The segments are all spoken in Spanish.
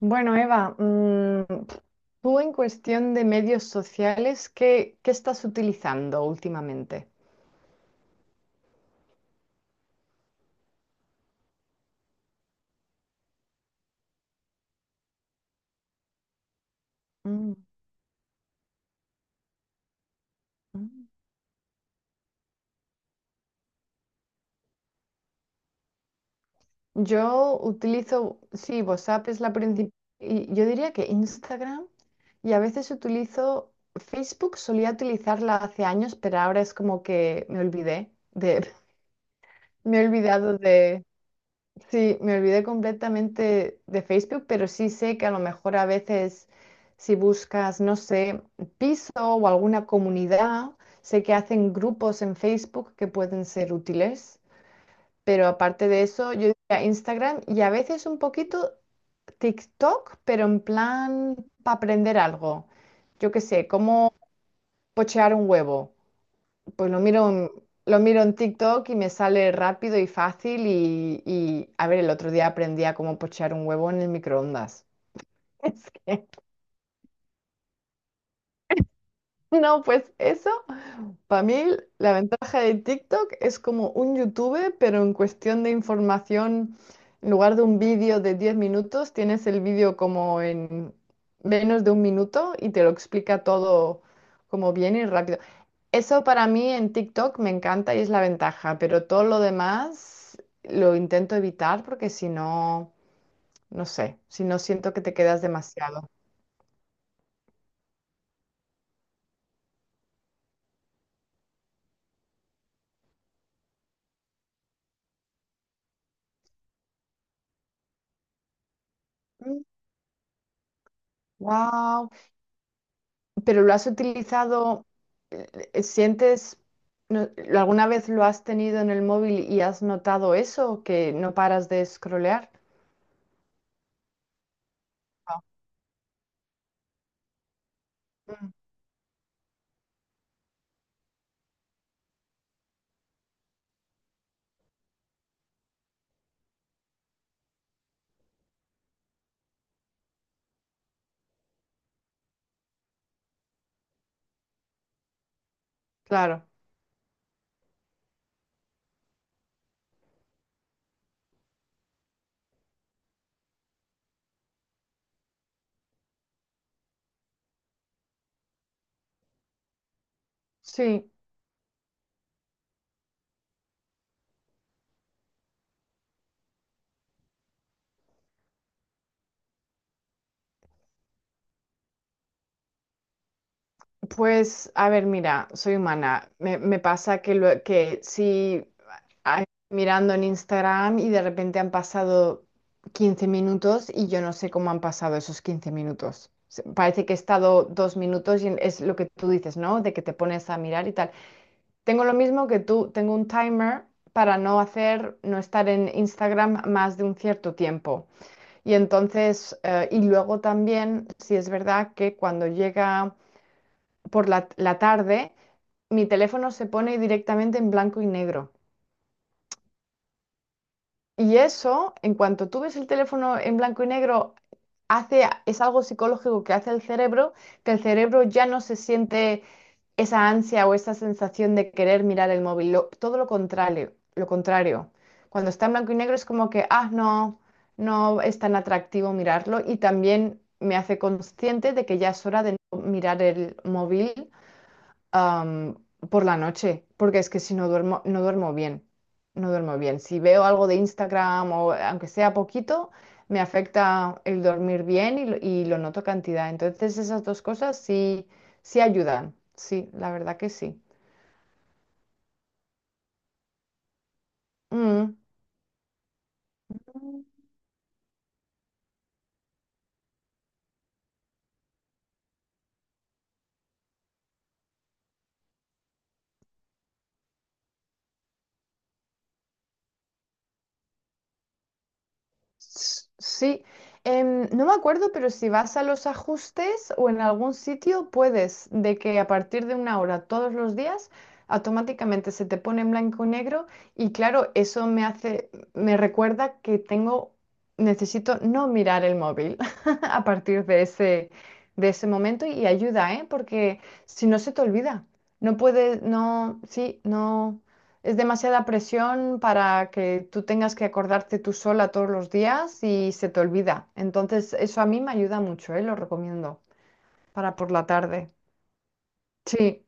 Bueno, Eva, tú en cuestión de medios sociales, ¿qué estás utilizando últimamente? Mm, mm. Yo utilizo, sí, WhatsApp es la principal, y yo diría que Instagram, y a veces utilizo Facebook, solía utilizarla hace años, pero ahora es como que me olvidé de... Me he olvidado de... Sí, me olvidé completamente de Facebook, pero sí sé que a lo mejor a veces, si buscas, no sé, piso o alguna comunidad, sé que hacen grupos en Facebook que pueden ser útiles, pero aparte de eso, yo diría Instagram y a veces un poquito TikTok, pero en plan para aprender algo. Yo qué sé, cómo pochear un huevo. Pues lo miro en... lo miro en TikTok y me sale rápido y fácil y, a ver, el otro día aprendí a cómo pochar un huevo en el microondas. Es que, no, pues eso, para mí la ventaja de TikTok es como un YouTube, pero en cuestión de información, en lugar de un vídeo de 10 minutos, tienes el vídeo como en menos de un minuto y te lo explica todo como bien y rápido. Eso para mí en TikTok me encanta y es la ventaja, pero todo lo demás lo intento evitar porque si no, no sé, si no siento que te quedas demasiado. Wow, pero lo has utilizado, ¿sientes... no- alguna vez lo has tenido en el móvil y has notado eso, que no paras de scrollear? Ah, mm, claro, sí. Pues, a ver, mira, soy humana. Me pasa que, lo, que si ah, mirando en Instagram y de repente han pasado 15 minutos y yo no sé cómo han pasado esos 15 minutos. Parece que he estado 2 minutos y es lo que tú dices, ¿no? De que te pones a mirar y tal. Tengo lo mismo que tú, tengo un timer para no hacer, no estar en Instagram más de un cierto tiempo. Y entonces, y luego también, si es verdad que cuando llega por la tarde, mi teléfono se pone directamente en blanco y negro. Y eso, en cuanto tú ves el teléfono en blanco y negro, hace, es algo psicológico que hace el cerebro, que el cerebro ya no se siente esa ansia o esa sensación de querer mirar el móvil. Todo lo contrario, lo contrario. Cuando está en blanco y negro es como que, ah, no, no es tan atractivo mirarlo. Y también me hace consciente de que ya es hora de no mirar el móvil am, por la noche, porque es que si no duermo, no duermo bien, no duermo bien. Si veo algo de Instagram o aunque sea poquito, me afecta el dormir bien y lo noto cantidad. Entonces esas dos cosas sí, sí ayudan, sí, la verdad que sí. Mm. Sí. No me acuerdo, pero si vas a los ajustes o en algún sitio puedes, de que a partir de una hora todos los días automáticamente se te pone en blanco y negro y claro, eso me hace, me recuerda que tengo, necesito no mirar el móvil a partir de ese momento y ayuda, ¿eh? Porque si no se te olvida, no puedes, no, sí, no. Es demasiada presión para que tú tengas que acordarte tú sola todos los días y se te olvida. Entonces, eso a mí me ayuda mucho, ¿eh? Lo recomiendo para por la tarde. Sí.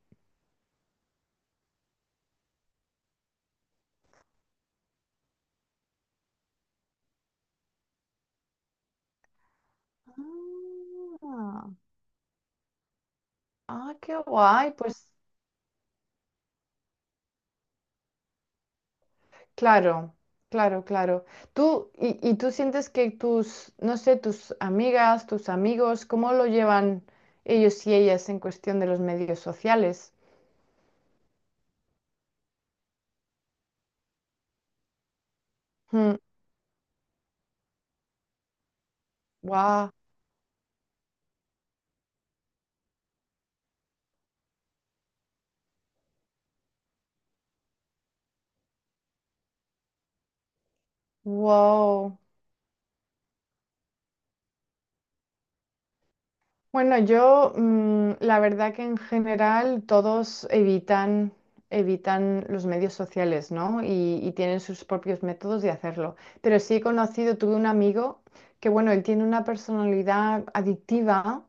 Ah. Ah, qué guay. Pues claro, claro, claro. Tú, y tú sientes que tus, no sé, tus amigas, tus amigos, ¿cómo lo llevan ellos y ellas en cuestión de los medios sociales? Mm, guau, wow. Bueno, yo la verdad que en general todos evitan, evitan los medios sociales, ¿no? Y tienen sus propios métodos de hacerlo. Pero sí he conocido, tuve un amigo que, bueno, él tiene una personalidad adictiva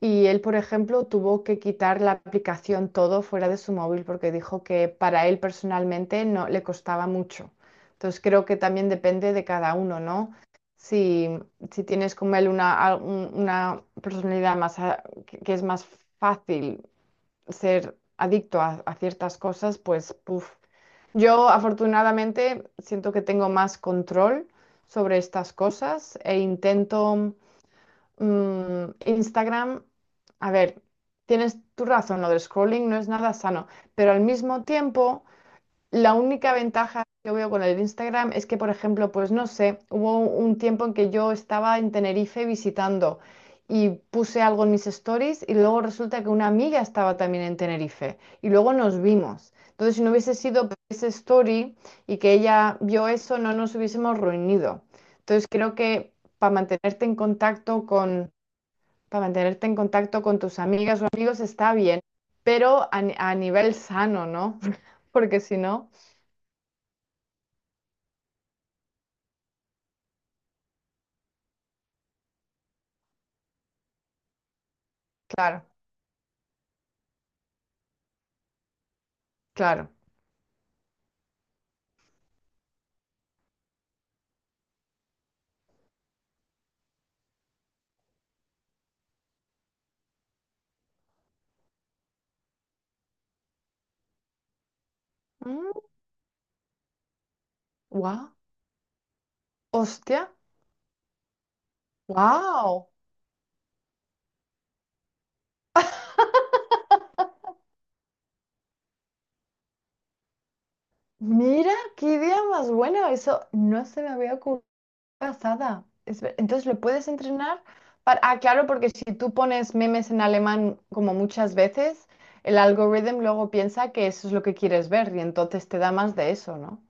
y él, por ejemplo, tuvo que quitar la aplicación todo fuera de su móvil porque dijo que para él personalmente no le costaba mucho. Entonces creo que también depende de cada uno, ¿no? Si, si tienes como él una, una personalidad más que es más fácil ser adicto a ciertas cosas, pues puf. Yo afortunadamente siento que tengo más control sobre estas cosas e intento... Instagram, a ver, tienes tu razón, lo del scrolling no es nada sano, pero al mismo tiempo, la única ventaja que veo con el Instagram es que, por ejemplo, pues no sé, hubo un tiempo en que yo estaba en Tenerife visitando y puse algo en mis stories y luego resulta que una amiga estaba también en Tenerife y luego nos vimos. Entonces, si no hubiese sido por ese story y que ella vio eso, no nos hubiésemos reunido. Entonces, creo que para mantenerte en contacto con... para mantenerte en contacto con tus amigas o amigos está bien, pero a, a nivel sano, ¿no? Porque si no, claro, claro. Wow, hostia, wow. Mira, qué idea más buena. Eso no se me había ocurrido pasada. Entonces, ¿le puedes entrenar? Ah, claro, porque si tú pones memes en alemán como muchas veces, el algoritmo luego piensa que eso es lo que quieres ver y entonces te da más de eso, ¿no?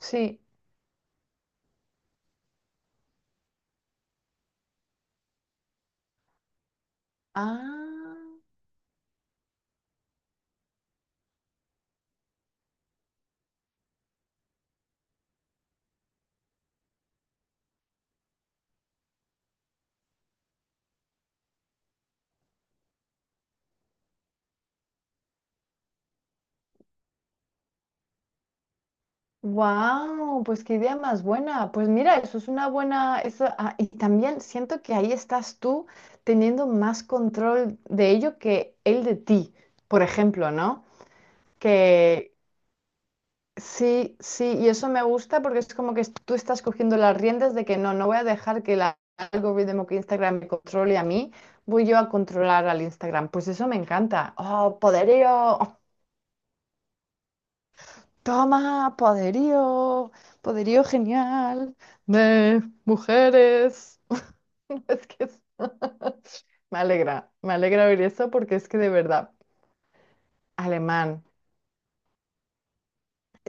Sí. Ah. Wow, pues qué idea más buena. Pues mira, eso es una buena, eso, ah, y también siento que ahí estás tú teniendo más control de ello que él de ti, por ejemplo, ¿no? Que sí, sí, y eso me gusta porque es como que tú estás cogiendo las riendas de que no, no voy a dejar que el algoritmo que Instagram me controle a mí, voy yo a controlar al Instagram. Pues eso me encanta. Oh, poderío. Toma, poderío, poderío genial de mujeres. Es que me alegra oír eso porque es que de verdad, alemán.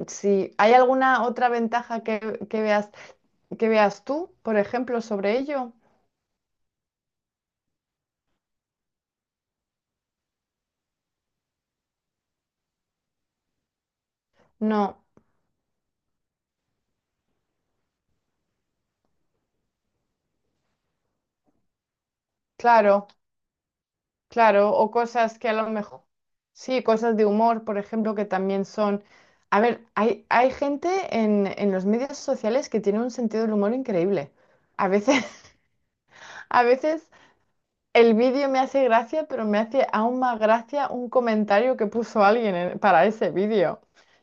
Si hay alguna otra ventaja que veas tú, por ejemplo, sobre ello, no, claro, claro, o cosas que a lo mejor, sí, cosas de humor, por ejemplo, que también son. A ver, hay gente en los medios sociales que tiene un sentido del humor increíble. A veces. A veces el vídeo me hace gracia, pero me hace aún más gracia un comentario que puso alguien para ese vídeo.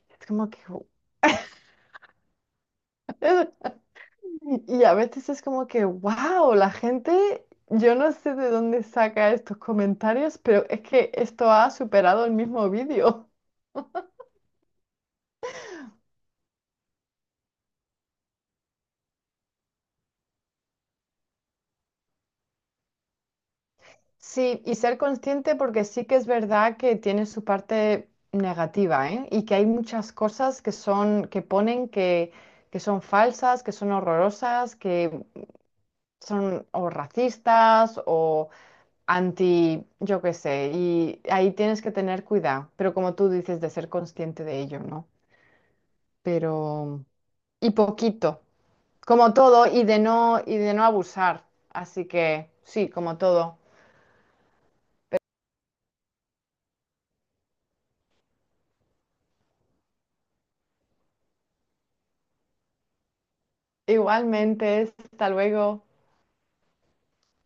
Es como que... "Gu- eh". Y a veces es como que, wow, la gente, yo no sé de dónde saca estos comentarios, pero es que esto ha superado el mismo vídeo. Sí, y ser consciente porque sí que es verdad que tiene su parte negativa, ¿eh? Y que hay muchas cosas que son, que ponen que son falsas, que son horrorosas, que son o racistas o anti, yo qué sé, y ahí tienes que tener cuidado, pero como tú dices, de ser consciente de ello, ¿no? Pero, y poquito, como todo, y de no abusar. Así que, sí, como todo. Igualmente, hasta luego.